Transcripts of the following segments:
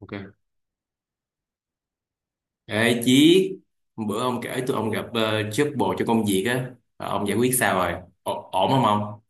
Ok. Ê Chí, bữa ông kể tụi ông gặp job bồ cho công việc á, ờ, ông giải quyết sao rồi? Ổn không ông?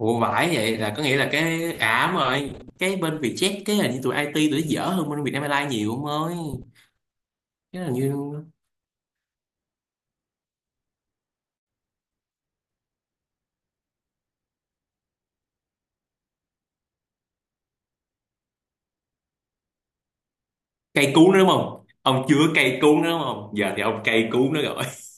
Ủa vãi, vậy là có nghĩa là cái ảm rồi, cái bên Vietjet cái hình như tụi IT tụi nó dở hơn bên Vietnam Airlines nhiều ông ơi. Cái là như cây cú nữa đúng không? Ông chưa cây cú nữa đúng không? Giờ thì ông cây cú nữa rồi.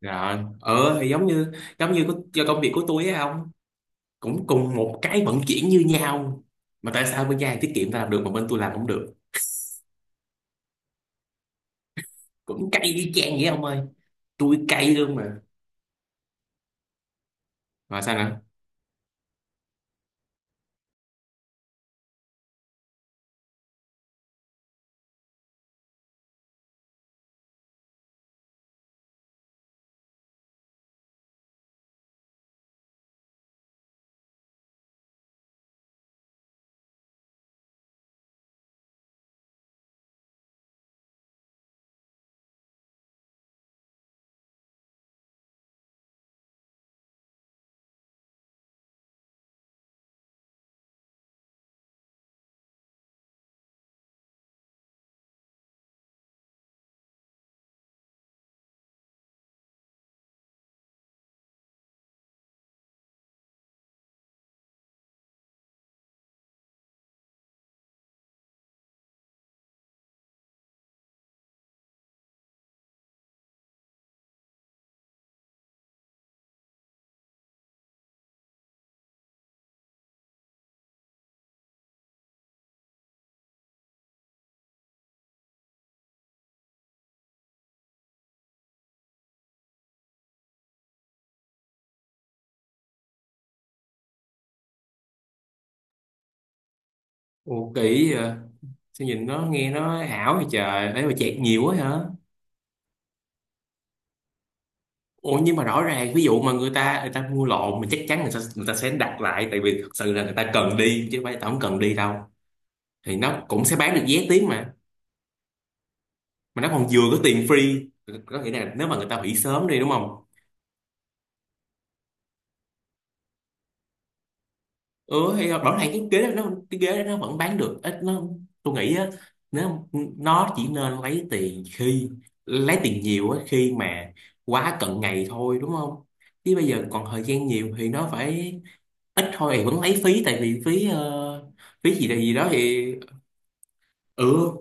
Rồi, ờ thì giống như do công việc của tôi á ông, cũng cùng một cái vận chuyển như nhau. Mà tại sao bên nhà hàng tiết kiệm ta làm được mà bên tôi làm không được? Cũng cay y chang vậy ông ơi, tôi cay luôn mà. Rồi sao nữa? Ồ kỳ vậy? Sao nhìn nó nghe nó ảo vậy trời, ấy mà chẹt nhiều quá hả? Ồ, nhưng mà rõ ràng ví dụ mà người ta mua lộn mình chắc chắn người ta sẽ đặt lại, tại vì thật sự là người ta cần đi chứ không phải người ta không cần đi đâu. Thì nó cũng sẽ bán được vé tiếng mà. Mà nó còn vừa có tiền free, có nghĩa là nếu mà người ta hủy sớm đi đúng không. Ừ, thì rõ ràng cái ghế đó nó vẫn bán được ít nó. Tôi nghĩ á, nếu nó chỉ nên lấy tiền khi lấy tiền nhiều á, khi mà quá cận ngày thôi đúng không. Chứ bây giờ còn thời gian nhiều thì nó phải ít thôi, thì vẫn lấy phí, tại vì phí phí gì đây gì đó thì ừ.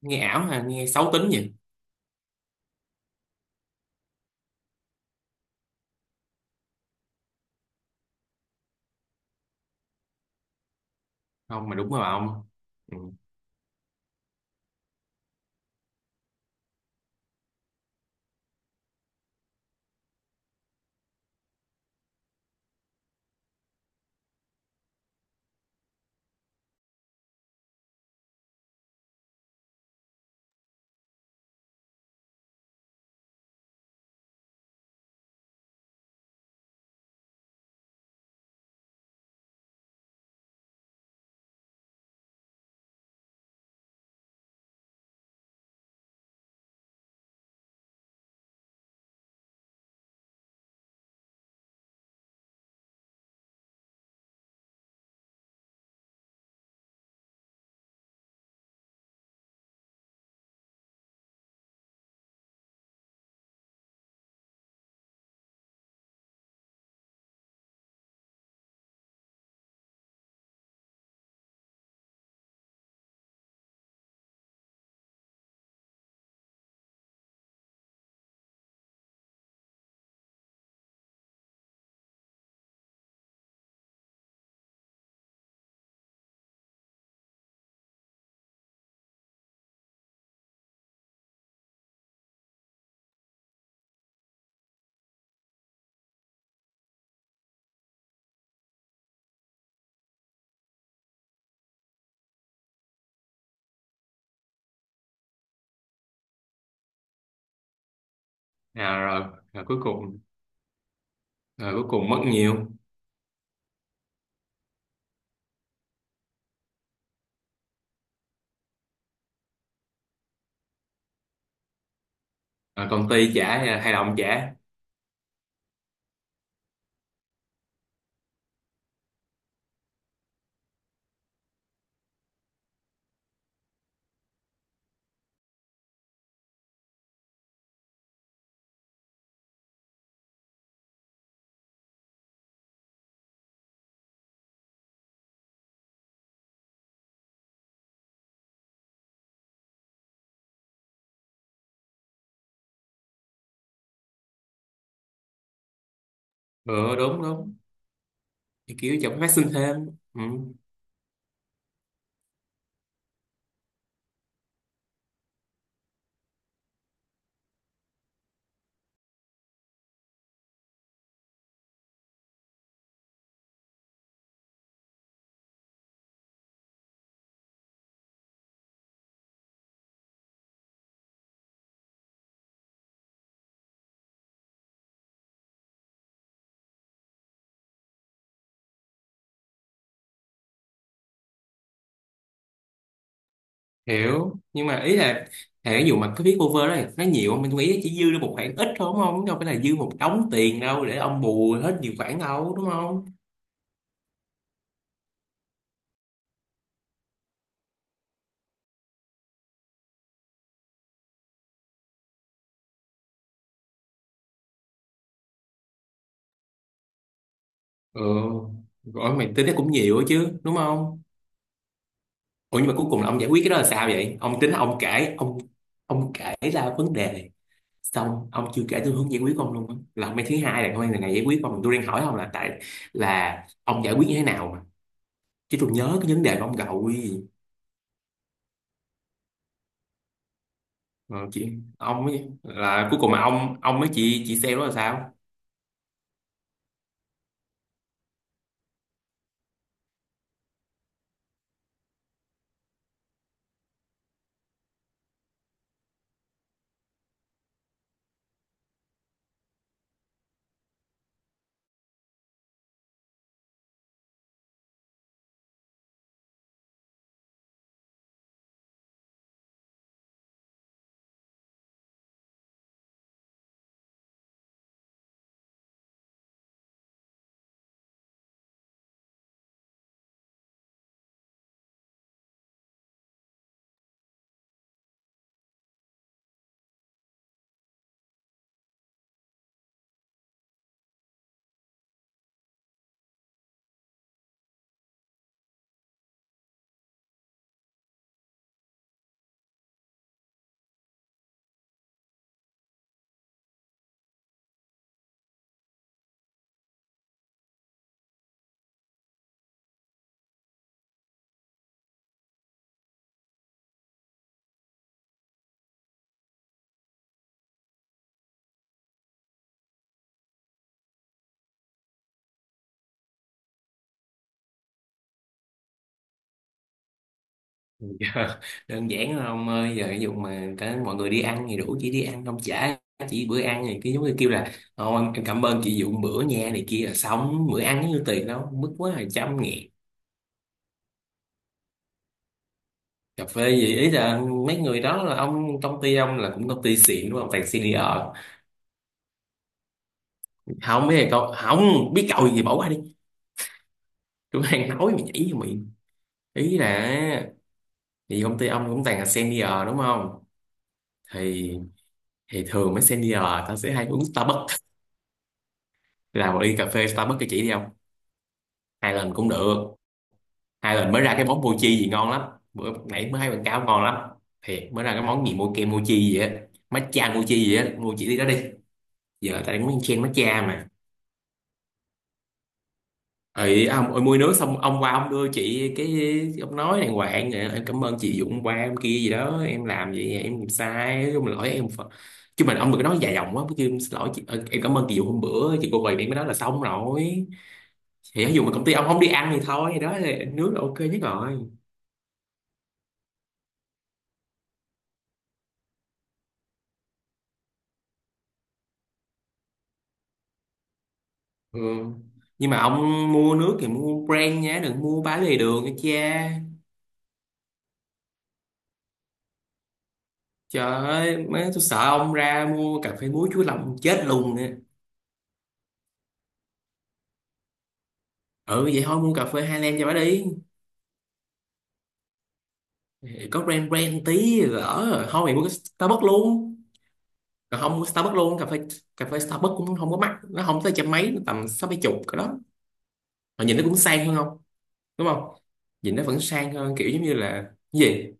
Nghe ảo hả, nghe xấu tính vậy. Không, mà đúng rồi ông. Ừ. À, rồi, rồi cuối cùng, rồi cuối cùng mất nhiều. Rồi công ty trả hay là đồng trả? Ừ, đúng đúng. Thì kiểu chẳng phát sinh thêm, ừ. Hiểu, nhưng mà ý là thể dụ mà cái phí cover đó nó nhiều không? Mình nghĩ chỉ dư được một khoản ít thôi đúng không, đâu phải là dư một đống tiền đâu để ông bù hết nhiều khoản đâu đúng không. Ừ, rồi mày tính nó cũng nhiều ấy chứ đúng không. Ủa nhưng mà cuối cùng là ông giải quyết cái đó là sao vậy? Ông tính ông kể ông kể ra vấn đề xong ông chưa kể tôi hướng giải quyết ông luôn á, là ông mấy thứ hai là ông này này giải quyết ông, tôi đang hỏi ông là tại là ông giải quyết như thế nào mà, chứ tôi nhớ cái vấn đề của ông rồi. Ờ, chị, ông ấy là cuối cùng mà ông với chị sale đó là sao? Dạ, đơn giản là ông ơi, giờ ví dụ mà cả mọi người đi ăn thì đủ chị đi ăn ông trả chị bữa ăn, thì cái giống như kêu là "Ô, em cảm ơn chị dụng bữa nha này kia", là xong, bữa ăn như tiền đâu mức quá là trăm nghìn. Cà phê gì, ý là mấy người đó là ông công ty ông là cũng công ty xịn đúng không, toàn senior. Không biết là cậu, không biết cậu gì bỏ qua đi, tôi đang nói mà nhảy vô miệng. Ý là thì công ty ông cũng toàn là senior đúng không, thì thì thường mấy senior tao sẽ hay uống Starbucks, là một ly cà phê Starbucks cho chị đi không. Hai lần cũng được, hai lần mới ra cái món mochi gì ngon lắm, bữa nãy mới hay quảng cáo ngon lắm. Thiệt mới ra cái món gì mochi mochi gì á, matcha mochi gì á, mua chị đi đó đi. Giờ tao đang muốn chen matcha mà. Ấy ông ơi, mua nước xong ông qua ông đưa chị cái ông nói đàng hoàng "Ờ, em cảm ơn chị Dũng qua em kia gì đó, em làm vậy em làm sai nói chung là lỗi em phật". Chứ mình ông đừng có nói dài dòng quá, chứ "Em xin lỗi chị, ờ, em cảm ơn chị Dũng hôm bữa chị cô quầy em", mới nói là xong rồi. Thì ví dụ mà công ty ông không đi ăn thì thôi thì đó là nước là ok nhất rồi. Ừ. Nhưng mà ông mua nước thì mua brand nhé, đừng mua bán lề đường nha cha. Trời ơi, mấy tôi sợ ông ra mua cà phê muối chuối lòng chết luôn nè. Ừ vậy thôi mua cà phê Highland cho bà đi. Có brand brand tí, lỡ rồi thôi mày mua cái Starbucks luôn. Còn không mua Starbucks luôn, cà phê, cà phê Starbucks cũng không có mắc, nó không tới trăm mấy, nó tầm sáu mấy chục cái đó. Mà nhìn nó cũng sang hơn không, đúng không? Nhìn nó vẫn sang hơn, kiểu giống như là, cái gì?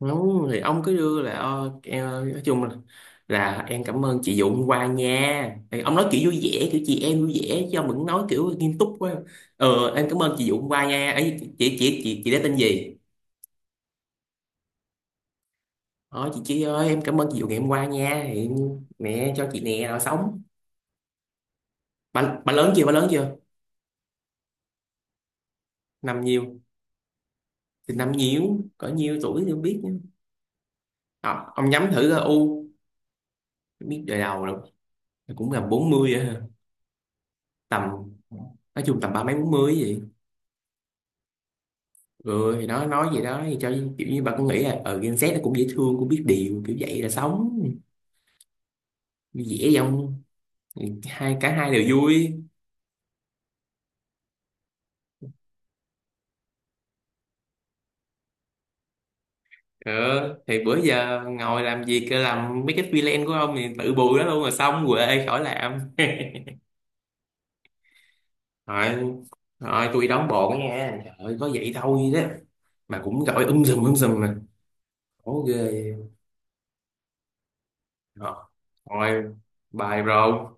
Đúng, thì ông cứ đưa là nói chung là em cảm ơn chị Dụ hôm qua nha. Thì ông nói kiểu vui vẻ, kiểu chị em vui vẻ chứ ông đừng nói kiểu nghiêm túc quá. Ờ em cảm ơn chị Dụ hôm qua nha, ấy chị đã tên gì. Ờ chị ơi em cảm ơn chị Dụ ngày hôm qua nha, thì mẹ cho chị nè rồi sống. Bà lớn chưa, bà lớn chưa? Năm nhiêu, thì năm nhiêu cỡ nhiêu tuổi thì không biết nữa. Ờ, ông nhắm thử ra u, biết đời đầu rồi, cũng gần 40 rồi ha. Tầm, nói chung tầm ba mấy bốn mươi gì. Ừ thì nó nói gì đó thì cho kiểu như bà cũng nghĩ là ở Gen Z nó cũng dễ thương cũng biết điều kiểu vậy là sống dễ dòng. Hai cả hai đều vui. Ờ thì bữa giờ ngồi làm việc làm mấy cái freelance của ông thì tự bù đó luôn rồi xong quệ khỏi làm. Rồi, rồi tôi đóng bộ nha, trời ơi, có vậy thôi đó. Mà cũng gọi sùm sùm mà khổ ghê. Rồi, bài bro.